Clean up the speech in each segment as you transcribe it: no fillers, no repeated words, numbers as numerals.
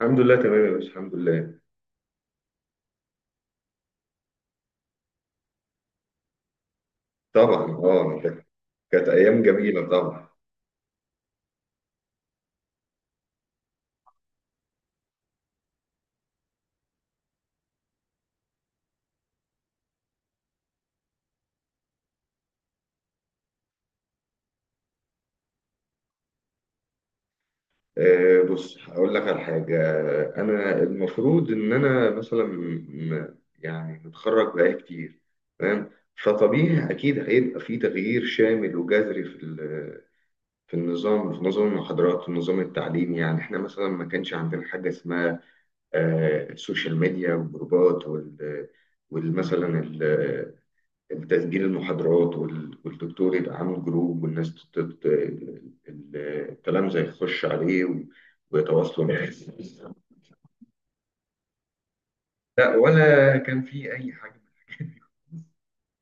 الحمد لله، تمام يا باشا، الحمد لله. طبعا. اه ده كانت ايام جميله طبعا. آه، بص هقول لك على حاجه. انا المفروض ان مثلا يعني متخرج بقالي كتير، تمام. فطبيعي اكيد هيبقى في تغيير شامل وجذري في النظام، في نظام المحاضرات والنظام التعليمي. يعني احنا مثلا ما كانش عندنا حاجه اسمها آه، السوشيال ميديا والجروبات وال والمثلا تسجيل المحاضرات، والدكتور يبقى عامل جروب، والناس ال- الكلام زي يخش عليه، ويتواصلوا معاه. لا، ولا كان في اي حاجه من الحاجات دي.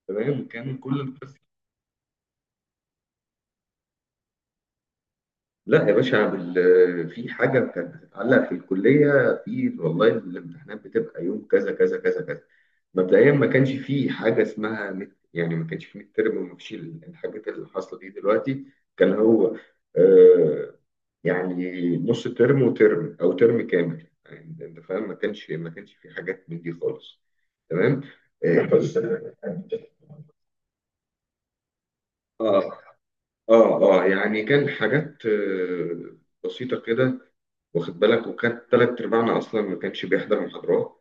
تمام، كان كل القصه... لا يا باشا، في حاجه كانت بتتعلق في الكليه، في والله الامتحانات بتبقى يوم كذا كذا كذا كذا. مبدئيا ما كانش في حاجه اسمها مت، يعني ما كانش في ميد ترم، وما فيش الحاجات اللي حاصله دي دلوقتي. كان هو آه، يعني نص ترم وترم، او ترم كامل يعني، انت فاهم. ما كانش في حاجات من دي خالص، تمام. آه، بس. اه، اه، اه، يعني كان حاجات آه، بسيطة كده، واخد بالك. وكان تلات أرباعنا أصلا ما كانش بيحضر محاضرات.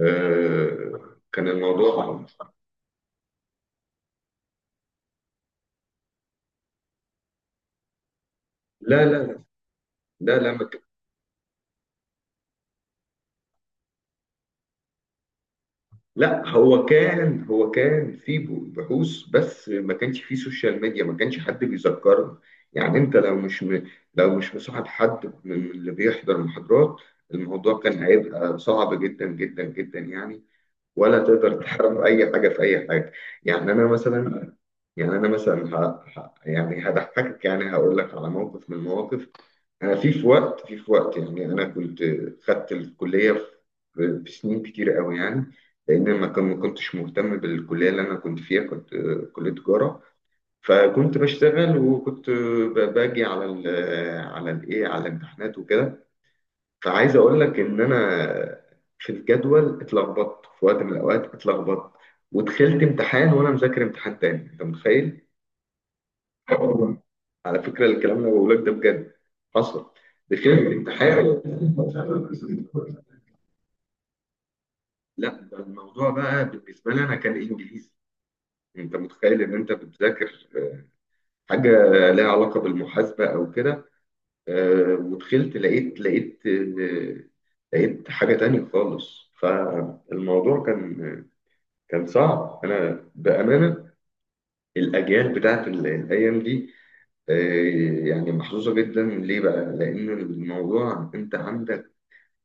آه، كان الموضوع... لا، لا، لا. لا لا ما لا هو كان في بحوث، بس ما كانش في سوشيال ميديا، ما كانش حد بيذكرنا. يعني انت لو مش لو مش مصاحب حد من اللي بيحضر محاضرات، الموضوع كان هيبقى صعب جدا جدا جدا يعني، ولا تقدر تعرف اي حاجه في اي حاجه. يعني انا مثلا، يعني هضحكك، يعني هقول لك على موقف من المواقف. أنا في في وقت، في في وقت، يعني أنا كنت خدت الكلية في سنين كتير قوي يعني، لأن ما كنتش مهتم بالكلية اللي أنا كنت فيها. كنت آه، كلية تجارة، فكنت بشتغل وكنت آه، باجي على ال على الإيه على الامتحانات وكده. فعايز أقول لك إن أنا في الجدول اتلخبطت، في وقت من الأوقات اتلخبطت، ودخلت امتحان وأنا مذاكر امتحان تاني. أنت متخيل؟ آه والله، على فكرة الكلام اللي بقوله لك ده بجد حصل. دخلت امتحان... لا، ده الموضوع بقى بالنسبة لي أنا كان إنجليزي. أنت متخيل إن أنت بتذاكر حاجة لها علاقة بالمحاسبة أو كده، آه، ودخلت لقيت آه، لقيت حاجة تانية خالص! فالموضوع كان صعب. أنا بأمانة، الأجيال بتاعت الأيام دي إيه يعني، محظوظة جدا. ليه بقى؟ لأن الموضوع، أنت عندك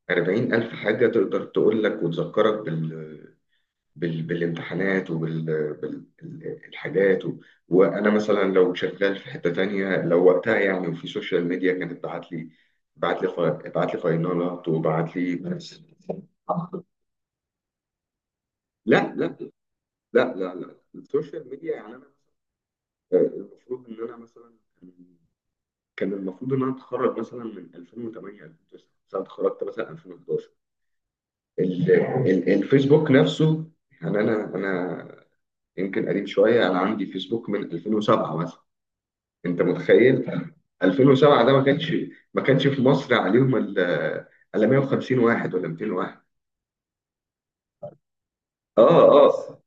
أربعين ألف حاجة تقدر تقول لك وتذكرك بالامتحانات وبالحاجات، الحاجات وأنا مثلا لو شغال في حتة تانية، لو وقتها يعني وفي سوشيال ميديا، كانت بعت لي، بعت لي ف... بعت لي فاينالات، وبعت لي، بس... لا، لا، لا، لا، لا. السوشيال ميديا يعني، أنا آه، المفروض إن أنا مثلا... كان المفروض ان انا اتخرج مثلا من 2008 2009، بس انا اتخرجت مثلا 2011. ال- الفيسبوك نفسه يعني، انا يمكن قديم شويه، انا عندي فيسبوك من 2007 مثلا، انت متخيل؟ 2007 ده ما كانش، في مصر عليهم الا 150 واحد ولا 200 واحد. اه، اه،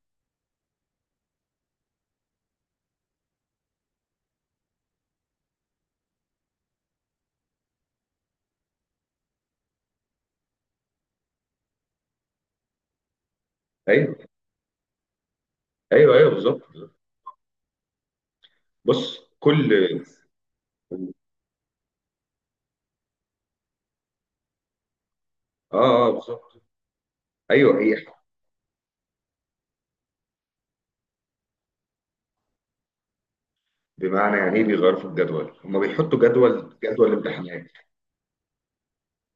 ايوه، ايوه، ايوه، بالظبط. بص كل... اه، اه، بالظبط. ايوه، هي. بمعنى يعني ايه بيغيروا في الجدول؟ هم بيحطوا جدول امتحانات،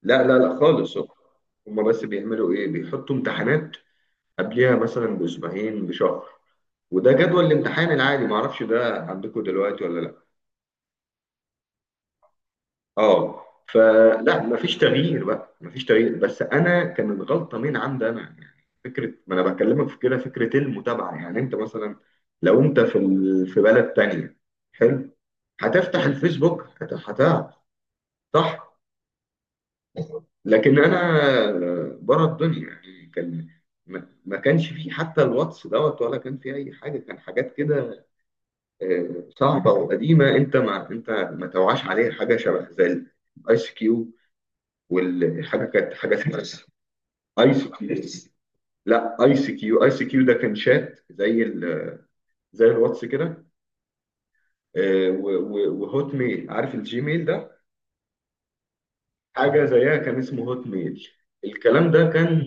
لا لا لا خالص. هما بس بيعملوا ايه، بيحطوا امتحانات قبلها مثلا باسبوعين، بشهر، وده جدول الامتحان العادي، معرفش ده عندكم دلوقتي ولا لا. اه، فلا مفيش تغيير بقى، مفيش تغيير، بس انا كانت غلطه من عند انا يعني. فكره، ما انا بكلمك في كده، فكره المتابعه يعني. انت مثلا لو انت في بلد تانية، حلو، هتفتح الفيسبوك، هتعرف، صح. لكن انا بره الدنيا يعني، كان ما كانش فيه حتى الواتس دوت، ولا كان فيه اي حاجه. كان حاجات كده آه، صعبه وقديمه، انت ما توعاش عليها. حاجه شبه زي الايس كيو، والحاجه كانت حاجه اسمها ايس كيو. لا، ايس كيو، ده كان شات زي زي الواتس كده. آه، وهوت ميل، عارف الجيميل ده، حاجة زيها، كان اسمه هوت ميل. الكلام ده كان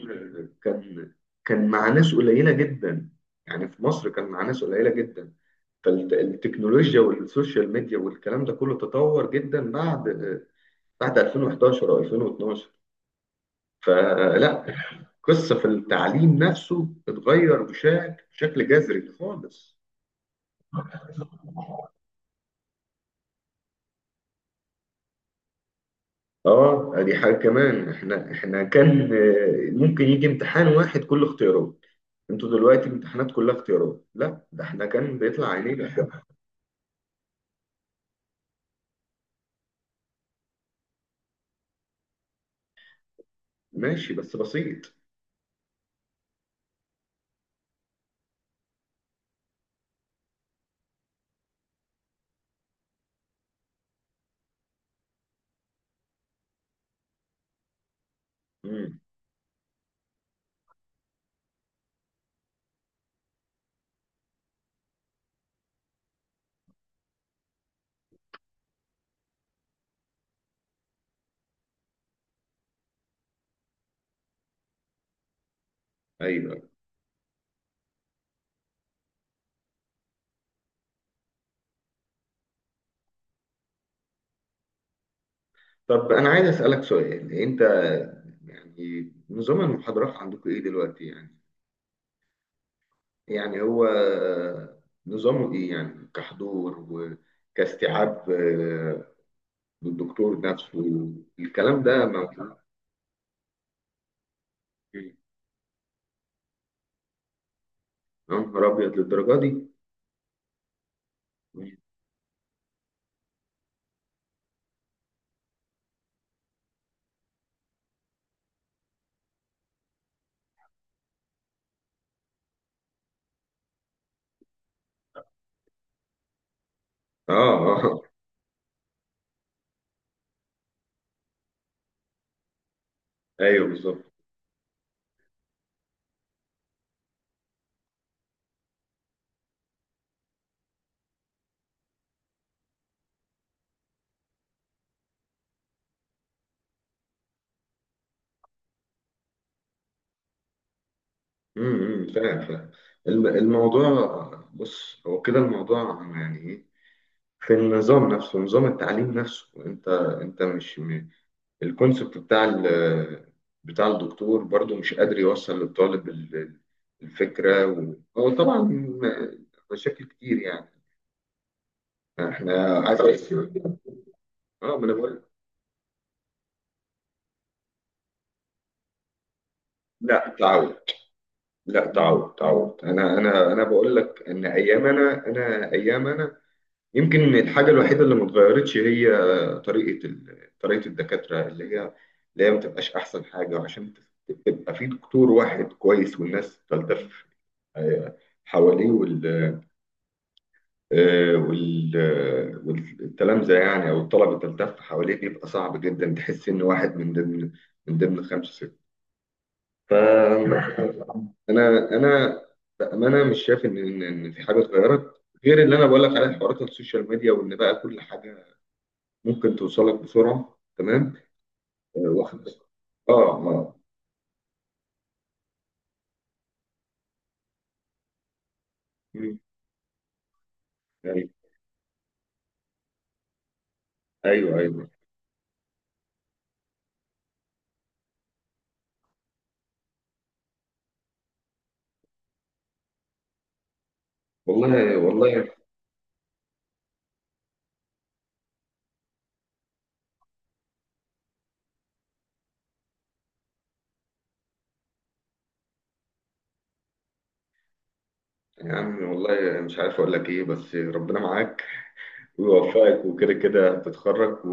كان كان مع ناس قليلة جدا، يعني في مصر كان مع ناس قليلة جدا. فالتكنولوجيا والسوشيال ميديا والكلام ده كله تطور جدا بعد 2011 أو 2012. فلا، قصة في التعليم نفسه اتغير بشكل جذري خالص. اه، دي حاجة كمان. احنا كان آه، ممكن يجي امتحان واحد كل اختيارات. انتوا دلوقتي امتحانات كلها اختيارات، لا ده احنا كان بيطلع عينينا. ماشي بس بسيط. امم، ايوه. طب انا عايز اسالك سؤال، انت يعني نظام المحاضرات عندكم ايه دلوقتي يعني؟ يعني هو نظامه ايه يعني، كحضور وكاستيعاب آه، للدكتور نفسه، الكلام ده موجود؟ يا نهار ابيض، للدرجه دي! اه، اه، ايوه، بالظبط. امم، فاهم، فاهم. الموضوع، بص هو كده الموضوع، يعني ايه؟ في النظام نفسه، نظام التعليم نفسه، انت مش الكونسبت بتاع بتاع الدكتور برضو مش قادر يوصل للطالب الفكرة، هو طبعا مشاكل كتير يعني. احنا عايز... اه، ما انا بقول... لا، تعود. لا، تعود، تعود. انا بقول لك ان ايام انا، ايام انا... يمكن الحاجة الوحيدة اللي ما اتغيرتش هي طريقة طريقة الدكاترة، اللي هي اللي هي ما تبقاش أحسن حاجة. وعشان تبقى في دكتور واحد كويس والناس تلتف آه، حواليه والتلامذة يعني، أو الطلبة تلتف حواليه، بيبقى صعب جدا تحس إن واحد من ضمن خمسة ستة ف... أنا بأمانة مش شايف إن في حاجة اتغيرت غير اللي أنا بقول لك عليه، حوارات السوشيال ميديا، وإن بقى كل حاجة ممكن توصلك بسرعة، تمام. آه، واخد، اه، ما... مم. أيوة، أيوة، أيوة. والله والله، يا عم والله مش عارف أقول لك إيه، بس ربنا معاك ويوفقك، وكده كده هتتخرج و...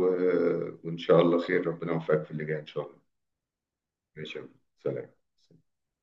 وإن شاء الله خير، ربنا يوفقك في اللي جاي إن شاء الله. ماشي يا عم. سلام.